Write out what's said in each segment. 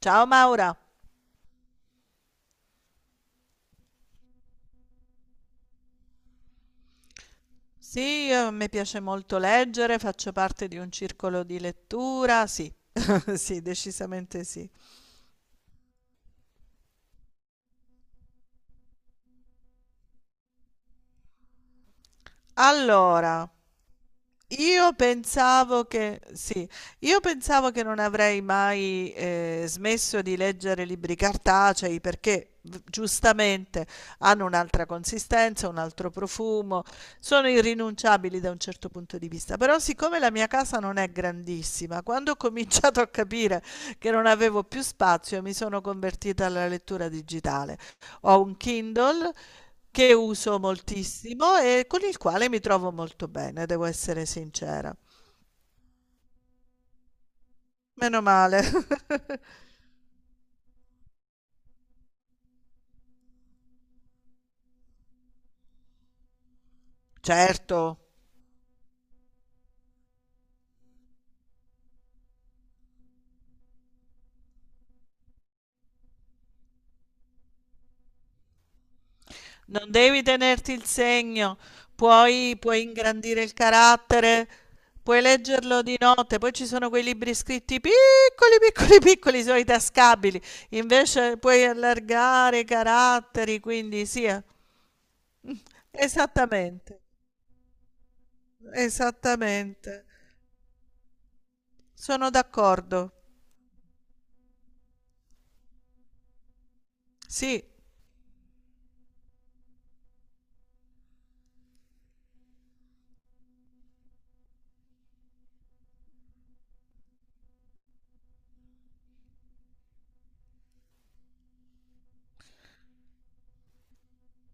Ciao Maura. Sì, a me piace molto leggere, faccio parte di un circolo di lettura, sì, sì, decisamente sì. Allora, io pensavo che, sì, io pensavo che non avrei mai smesso di leggere libri cartacei perché giustamente hanno un'altra consistenza, un altro profumo, sono irrinunciabili da un certo punto di vista. Però siccome la mia casa non è grandissima, quando ho cominciato a capire che non avevo più spazio, mi sono convertita alla lettura digitale. Ho un Kindle che uso moltissimo e con il quale mi trovo molto bene, devo essere sincera. Meno male. Certo, non devi tenerti il segno, puoi ingrandire il carattere, puoi leggerlo di notte, poi ci sono quei libri scritti piccoli, piccoli, piccoli, sono i tascabili, invece puoi allargare i caratteri, quindi sì, eh. Esattamente, esattamente, sono d'accordo. Sì,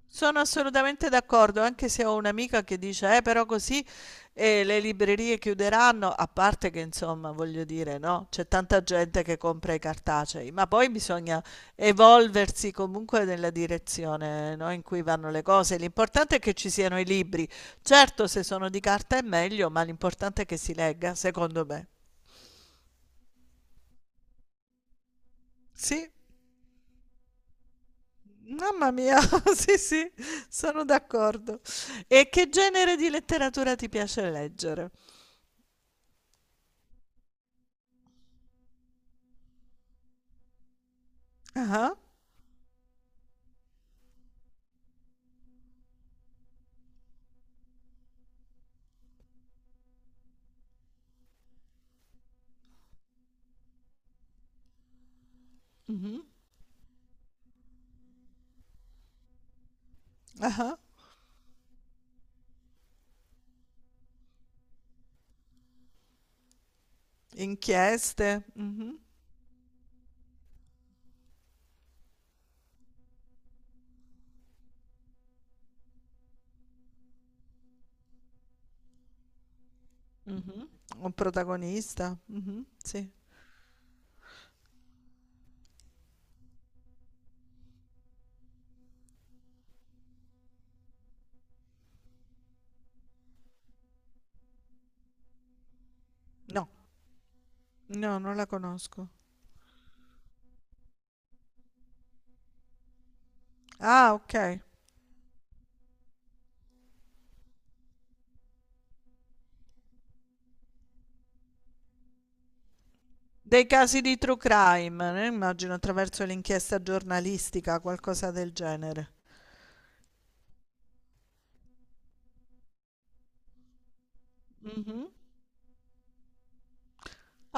sono assolutamente d'accordo, anche se ho un'amica che dice, però così le librerie chiuderanno, a parte che insomma, voglio dire, no, c'è tanta gente che compra i cartacei, ma poi bisogna evolversi comunque nella direzione, no, in cui vanno le cose. L'importante è che ci siano i libri. Certo, se sono di carta è meglio, ma l'importante è che si legga, secondo me. Sì. Mamma mia, sì, sì, sono d'accordo. E che genere di letteratura ti piace leggere? Ah, mhm, ah, inchieste, mhm, mhm. Un protagonista, mhm, sì. No, no, non la conosco. Ah, ok. Dei casi di true crime, immagino attraverso l'inchiesta giornalistica, qualcosa del genere. Mhm.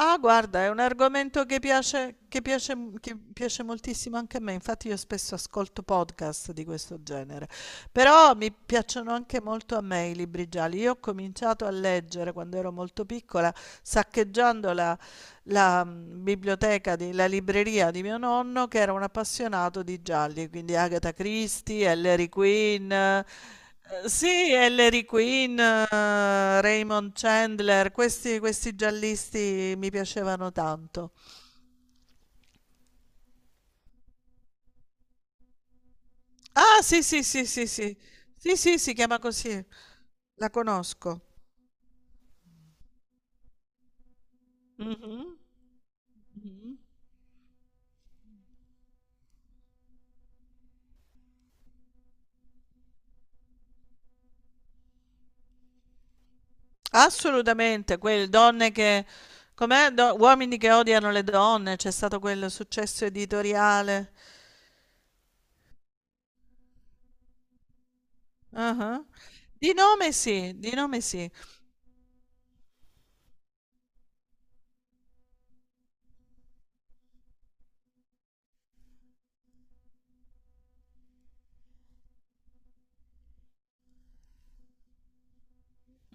Ah, guarda, è un argomento che piace, che piace moltissimo anche a me, infatti io spesso ascolto podcast di questo genere, però mi piacciono anche molto a me i libri gialli. Io ho cominciato a leggere quando ero molto piccola, saccheggiando la biblioteca, di, la libreria di mio nonno che era un appassionato di gialli, quindi Agatha Christie, Ellery Queen, sì, Ellery Queen, Raymond Chandler, questi giallisti mi piacevano tanto. Ah, sì, sì, sì, sì, sì, sì, sì, si chiama così, la conosco. Mhm. Mhm. Assolutamente, quelle donne che, com'è? Uomini che odiano le donne, c'è stato quel successo editoriale. Ah, di nome sì, di nome sì.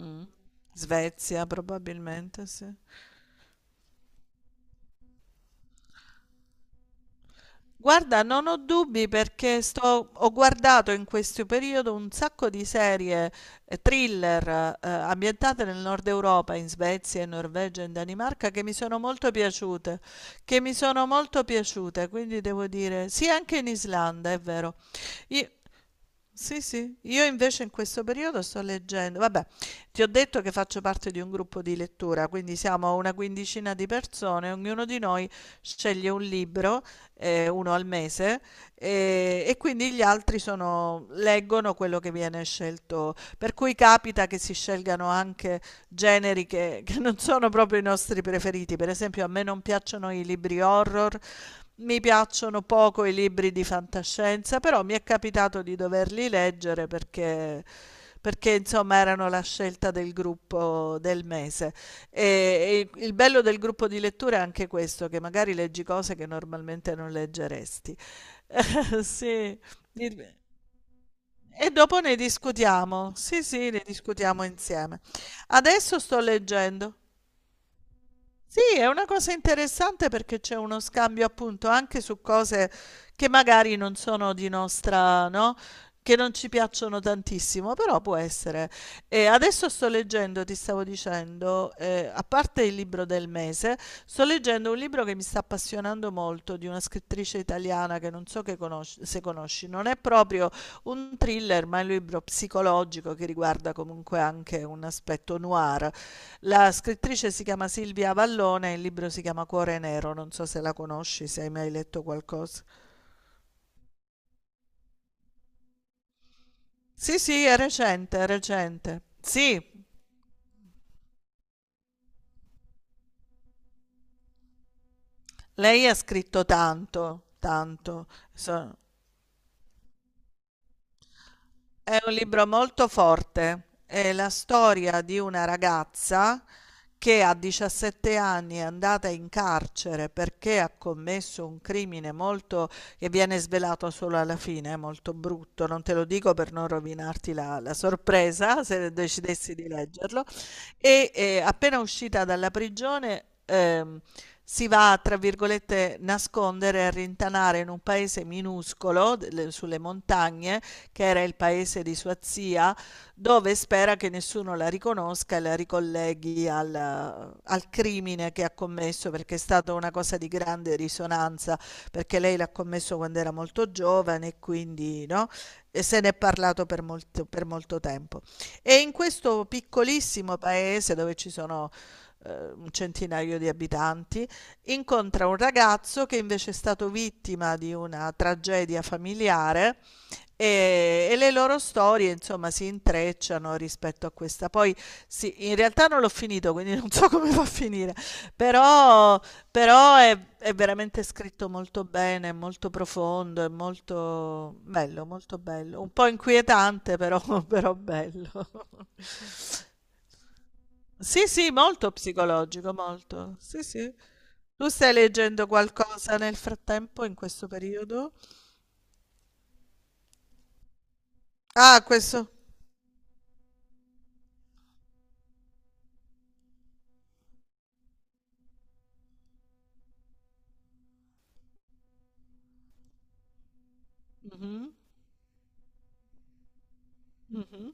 Mm. Svezia probabilmente, sì. Guarda, non ho dubbi perché ho guardato in questo periodo un sacco di serie thriller ambientate nel nord Europa, in Svezia, in Norvegia, in Danimarca, che mi sono molto piaciute, che mi sono molto piaciute, quindi devo dire, sì, anche in Islanda, è vero. Io- sì, sì, io invece in questo periodo sto leggendo, vabbè, ti ho detto che faccio parte di un gruppo di lettura, quindi siamo una quindicina di persone, ognuno di noi sceglie un libro uno al mese, e quindi gli altri leggono quello che viene scelto. Per cui capita che si scelgano anche generi che non sono proprio i nostri preferiti. Per esempio, a me non piacciono i libri horror. Mi piacciono poco i libri di fantascienza, però mi è capitato di doverli leggere perché insomma erano la scelta del gruppo del mese. E il bello del gruppo di lettura è anche questo, che magari leggi cose che normalmente non leggeresti. Sì, il e dopo ne discutiamo. Sì, sì, ne discutiamo insieme. Adesso sto leggendo sì, è una cosa interessante perché c'è uno scambio appunto anche su cose che magari non sono di nostra, no? Che non ci piacciono tantissimo, però può essere. E adesso sto leggendo, ti stavo dicendo, a parte il libro del mese, sto leggendo un libro che mi sta appassionando molto di una scrittrice italiana che non so che se conosci, non è proprio un thriller, ma è un libro psicologico che riguarda comunque anche un aspetto noir. La scrittrice si chiama Silvia Avallone, il libro si chiama Cuore Nero, non so se la conosci, se hai mai letto qualcosa. Sì, sì, è recente, è recente. Sì, lei ha scritto tanto, tanto. So- È un libro molto forte, è la storia di una ragazza che a 17 anni è andata in carcere perché ha commesso un crimine molto, che viene svelato solo alla fine, è molto brutto, non te lo dico per non rovinarti la sorpresa se decidessi di leggerlo, e appena uscita dalla prigione si va, a, tra virgolette, nascondere e rintanare in un paese minuscolo, sulle montagne, che era il paese di sua zia, dove spera che nessuno la riconosca e la ricolleghi al crimine che ha commesso, perché è stata una cosa di grande risonanza, perché lei l'ha commesso quando era molto giovane e quindi no? E se ne è parlato per molto tempo. E in questo piccolissimo paese dove ci sono un centinaio di abitanti, incontra un ragazzo che invece è stato vittima di una tragedia familiare e le loro storie, insomma, si intrecciano rispetto a questa. Poi, sì, in realtà non l'ho finito, quindi non so come va a finire, però, però è veramente scritto molto bene, è molto profondo, è molto bello, molto bello. Un po' inquietante, però, però bello. Sì, sì, molto psicologico, molto. Sì, sì. Tu stai leggendo qualcosa nel frattempo, in questo periodo? Ah, questo. Mhm, mhm.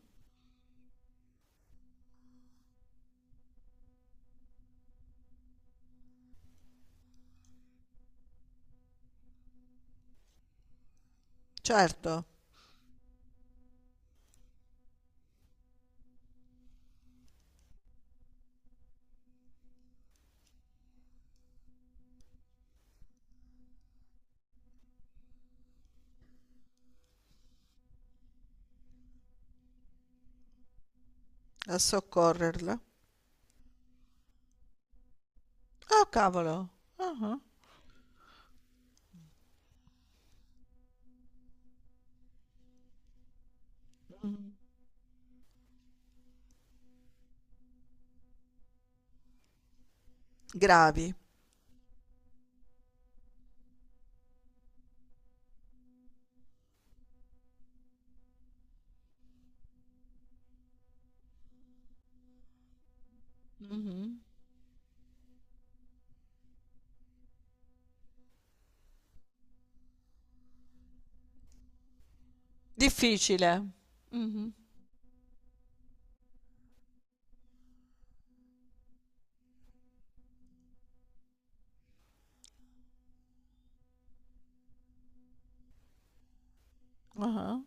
Certo, a soccorrerla. Oh, cavolo. Ah, ah. Gravi. Mhm. Difficile. Mhm. Ah, ah.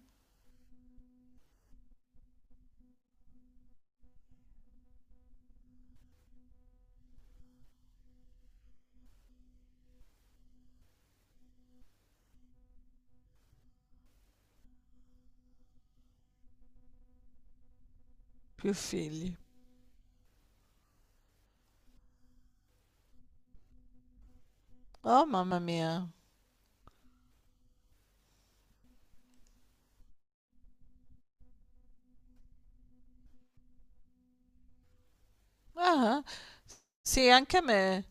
Più figli. Oh, mamma mia. Ah, ah. Sì, anche a me.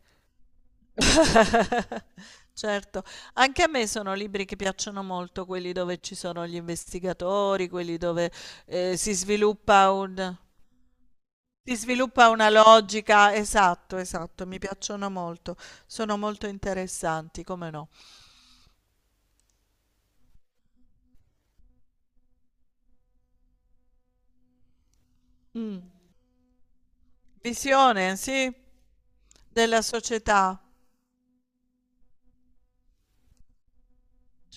Certo, anche a me sono libri che piacciono molto, quelli dove ci sono gli investigatori, quelli dove eh, si sviluppa un, si sviluppa una logica. Esatto, esatto, mi piacciono molto. Sono molto interessanti, come no. Mh. Visione, sì, della società.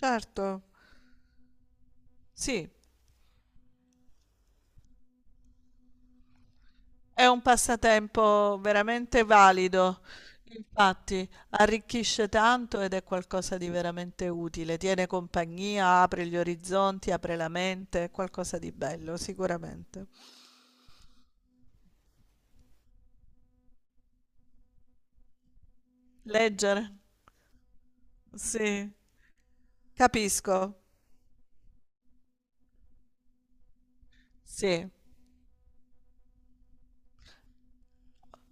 Certo, sì, è un passatempo veramente valido. Infatti, arricchisce tanto ed è qualcosa di veramente utile. Tiene compagnia, apre gli orizzonti, apre la mente, è qualcosa di bello, sicuramente. Leggere? Sì. Capisco. Sì.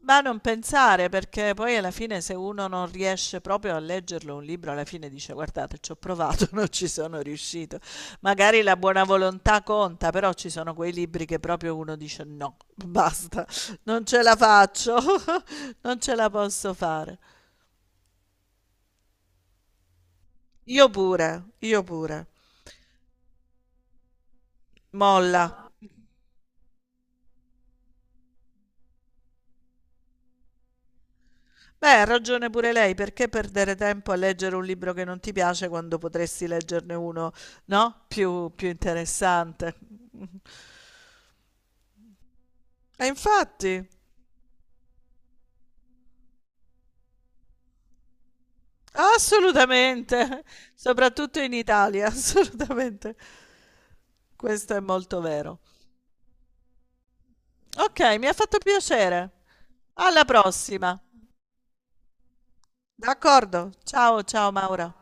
Ma non pensare, perché poi alla fine se uno non riesce proprio a leggerlo un libro, alla fine dice guardate, ci ho provato, non ci sono riuscito. Magari la buona volontà conta, però ci sono quei libri che proprio uno dice no, basta, non ce la faccio, non ce la posso fare. Io pure, io pure. Molla. Beh, ha ragione pure lei, perché perdere tempo a leggere un libro che non ti piace quando potresti leggerne uno, no? Più interessante. E infatti, assolutamente, soprattutto in Italia, assolutamente. Questo è molto vero. Ok, mi ha fatto piacere. Alla prossima. D'accordo. Ciao, ciao Maura.